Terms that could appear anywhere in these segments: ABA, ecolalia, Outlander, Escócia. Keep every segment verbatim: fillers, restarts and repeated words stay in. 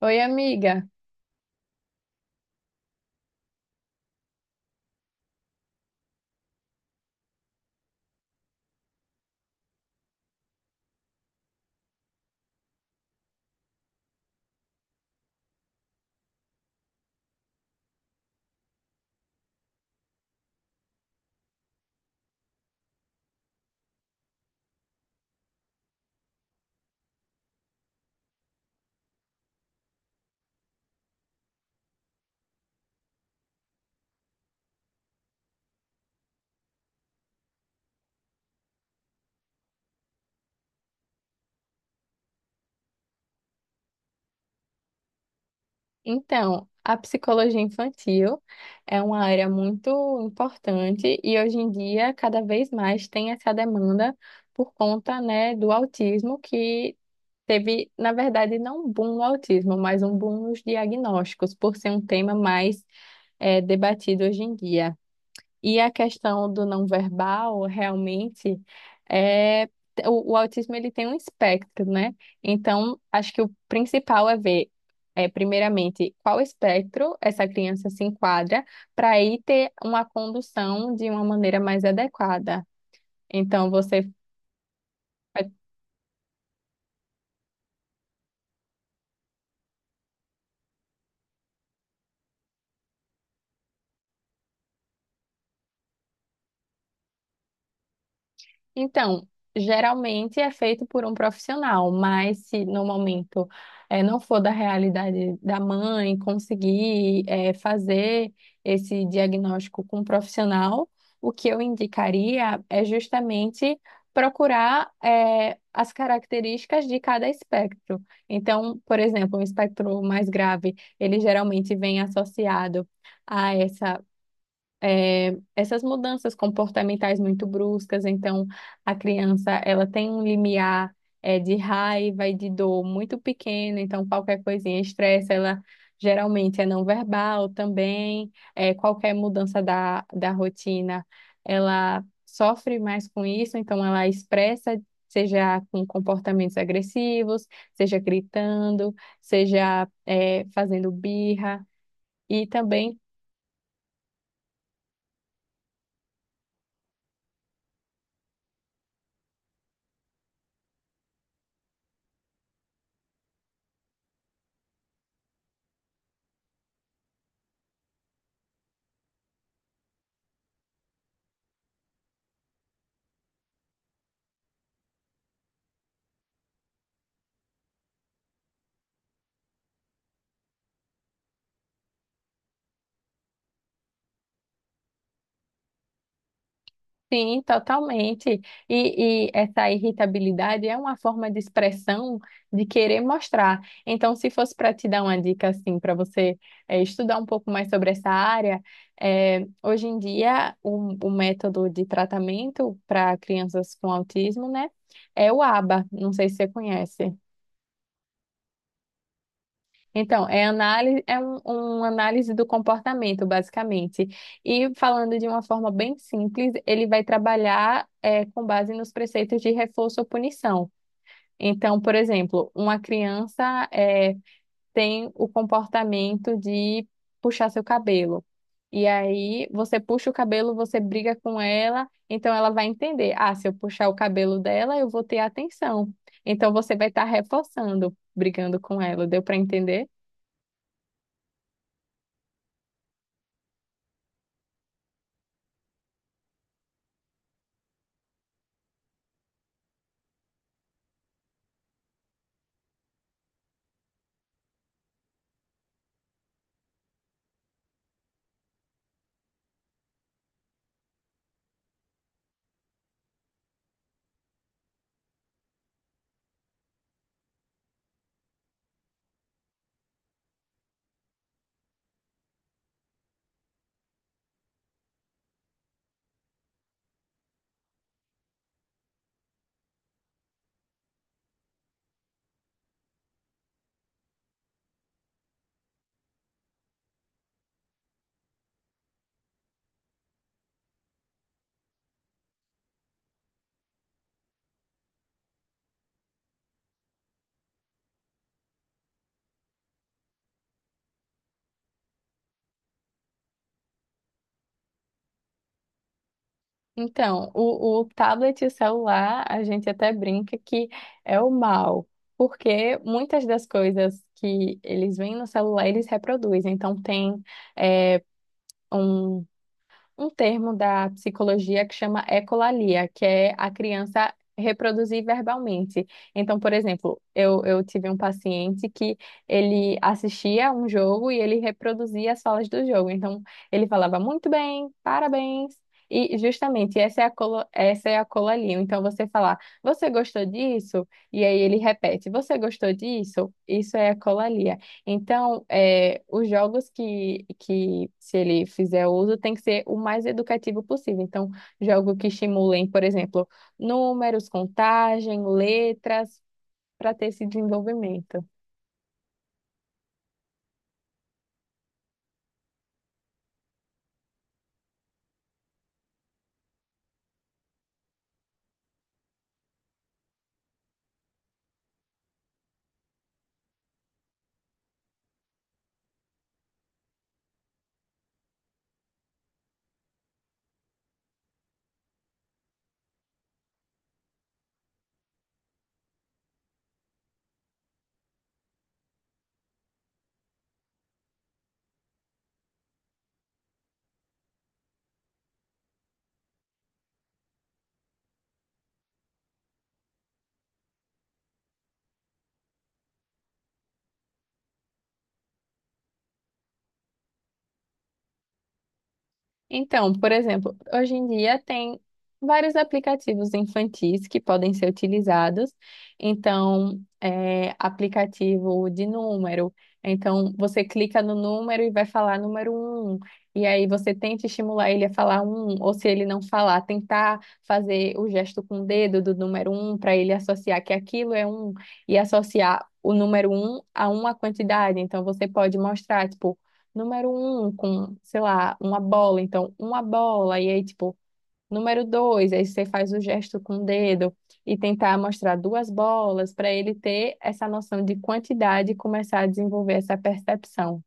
Oi, amiga. Então, a psicologia infantil é uma área muito importante e hoje em dia cada vez mais tem essa demanda por conta, né, do autismo que teve, na verdade, não um boom no autismo, mas um boom nos diagnósticos, por ser um tema mais eh, debatido hoje em dia. E a questão do não verbal, realmente, é o, o autismo ele tem um espectro, né? Então, acho que o principal é ver, é, primeiramente, qual espectro essa criança se enquadra, para aí ter uma condução de uma maneira mais adequada. Então, você. Então, geralmente é feito por um profissional, mas se no momento eh, não for da realidade da mãe conseguir eh, fazer esse diagnóstico com um profissional, o que eu indicaria é justamente procurar eh, as características de cada espectro. Então, por exemplo, um espectro mais grave, ele geralmente vem associado é, essas mudanças comportamentais muito bruscas. Então, a criança, ela tem um limiar, é, de raiva e de dor muito pequeno. Então, qualquer coisinha estressa, ela geralmente é não verbal também. É, qualquer mudança da, da rotina, ela sofre mais com isso. Então, ela expressa, seja com comportamentos agressivos, seja gritando, seja, é, fazendo birra. E também. Sim, totalmente. E, e essa irritabilidade é uma forma de expressão de querer mostrar. Então, se fosse para te dar uma dica assim, para você eh, estudar um pouco mais sobre essa área, eh, hoje em dia o, o método de tratamento para crianças com autismo, né, é o ABA. Não sei se você conhece. Então, é análise, é um, um análise do comportamento, basicamente. E falando de uma forma bem simples, ele vai trabalhar é, com base nos preceitos de reforço ou punição. Então, por exemplo, uma criança é, tem o comportamento de puxar seu cabelo. E aí, você puxa o cabelo, você briga com ela, então ela vai entender: ah, se eu puxar o cabelo dela, eu vou ter atenção. Então, você vai estar reforçando, brigando com ela. Deu para entender? Então, o, o tablet e o celular, a gente até brinca que é o mal, porque muitas das coisas que eles veem no celular, eles reproduzem. Então, tem é, um termo da psicologia que chama ecolalia, que é a criança reproduzir verbalmente. Então, por exemplo, eu, eu tive um paciente que ele assistia um jogo e ele reproduzia as falas do jogo. Então, ele falava muito bem, parabéns. E justamente essa é a colo, essa é a colalia. Então você falar, você gostou disso? E aí ele repete, você gostou disso? Isso é a colalia. Então, é, os jogos que, que, se ele fizer uso, tem que ser o mais educativo possível. Então, jogo que estimulem, por exemplo, números, contagem, letras, para ter esse desenvolvimento. Então, por exemplo, hoje em dia tem vários aplicativos infantis que podem ser utilizados. Então, é, aplicativo de número. Então, você clica no número e vai falar número um. E aí você tenta estimular ele a falar um, ou se ele não falar, tentar fazer o gesto com o dedo do número um para ele associar que aquilo é um e associar o número um a uma quantidade. Então, você pode mostrar, tipo número um com, sei lá, uma bola, então uma bola, e aí, tipo, número dois, aí você faz o gesto com o dedo e tentar mostrar duas bolas para ele ter essa noção de quantidade e começar a desenvolver essa percepção.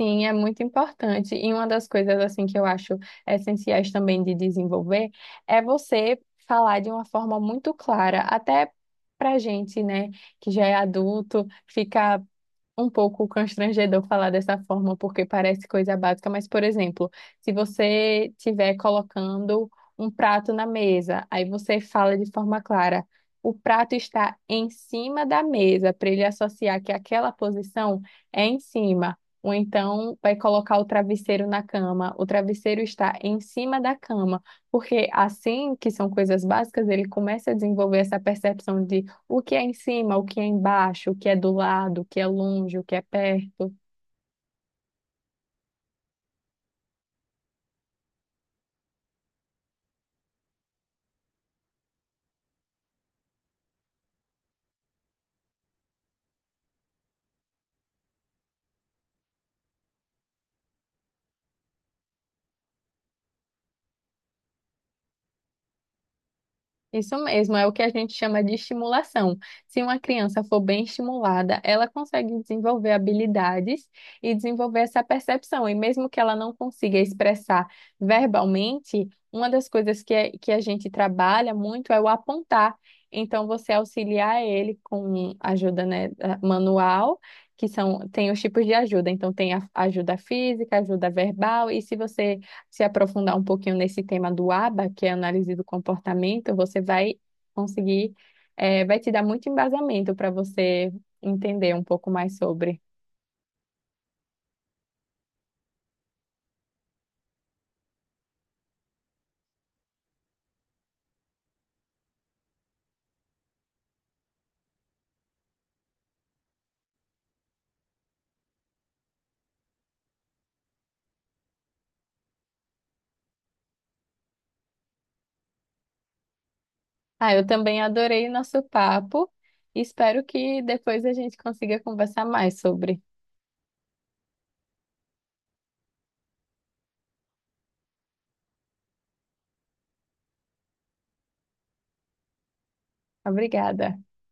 Sim, é muito importante. E uma das coisas assim que eu acho essenciais também de desenvolver é você falar de uma forma muito clara, até pra gente, né, que já é adulto, fica um pouco constrangedor falar dessa forma, porque parece coisa básica, mas, por exemplo, se você estiver colocando um prato na mesa, aí você fala de forma clara, o prato está em cima da mesa, para ele associar que aquela posição é em cima. Ou então vai colocar o travesseiro na cama, o travesseiro está em cima da cama, porque assim que são coisas básicas, ele começa a desenvolver essa percepção de o que é em cima, o que é embaixo, o que é do lado, o que é longe, o que é perto. Isso mesmo, é o que a gente chama de estimulação. Se uma criança for bem estimulada, ela consegue desenvolver habilidades e desenvolver essa percepção. E mesmo que ela não consiga expressar verbalmente, uma das coisas que, é- que a gente trabalha muito é o apontar. Então, você auxiliar ele com ajuda, né, da- manual, que são, tem os tipos de ajuda. Então, tem a ajuda física, ajuda verbal, e se você se aprofundar um pouquinho nesse tema do ABA, que é análise do comportamento, você vai conseguir, eh, vai te dar muito embasamento para você entender um pouco mais sobre. Ah, eu também adorei o nosso papo. Espero que depois a gente consiga conversar mais sobre. Obrigada.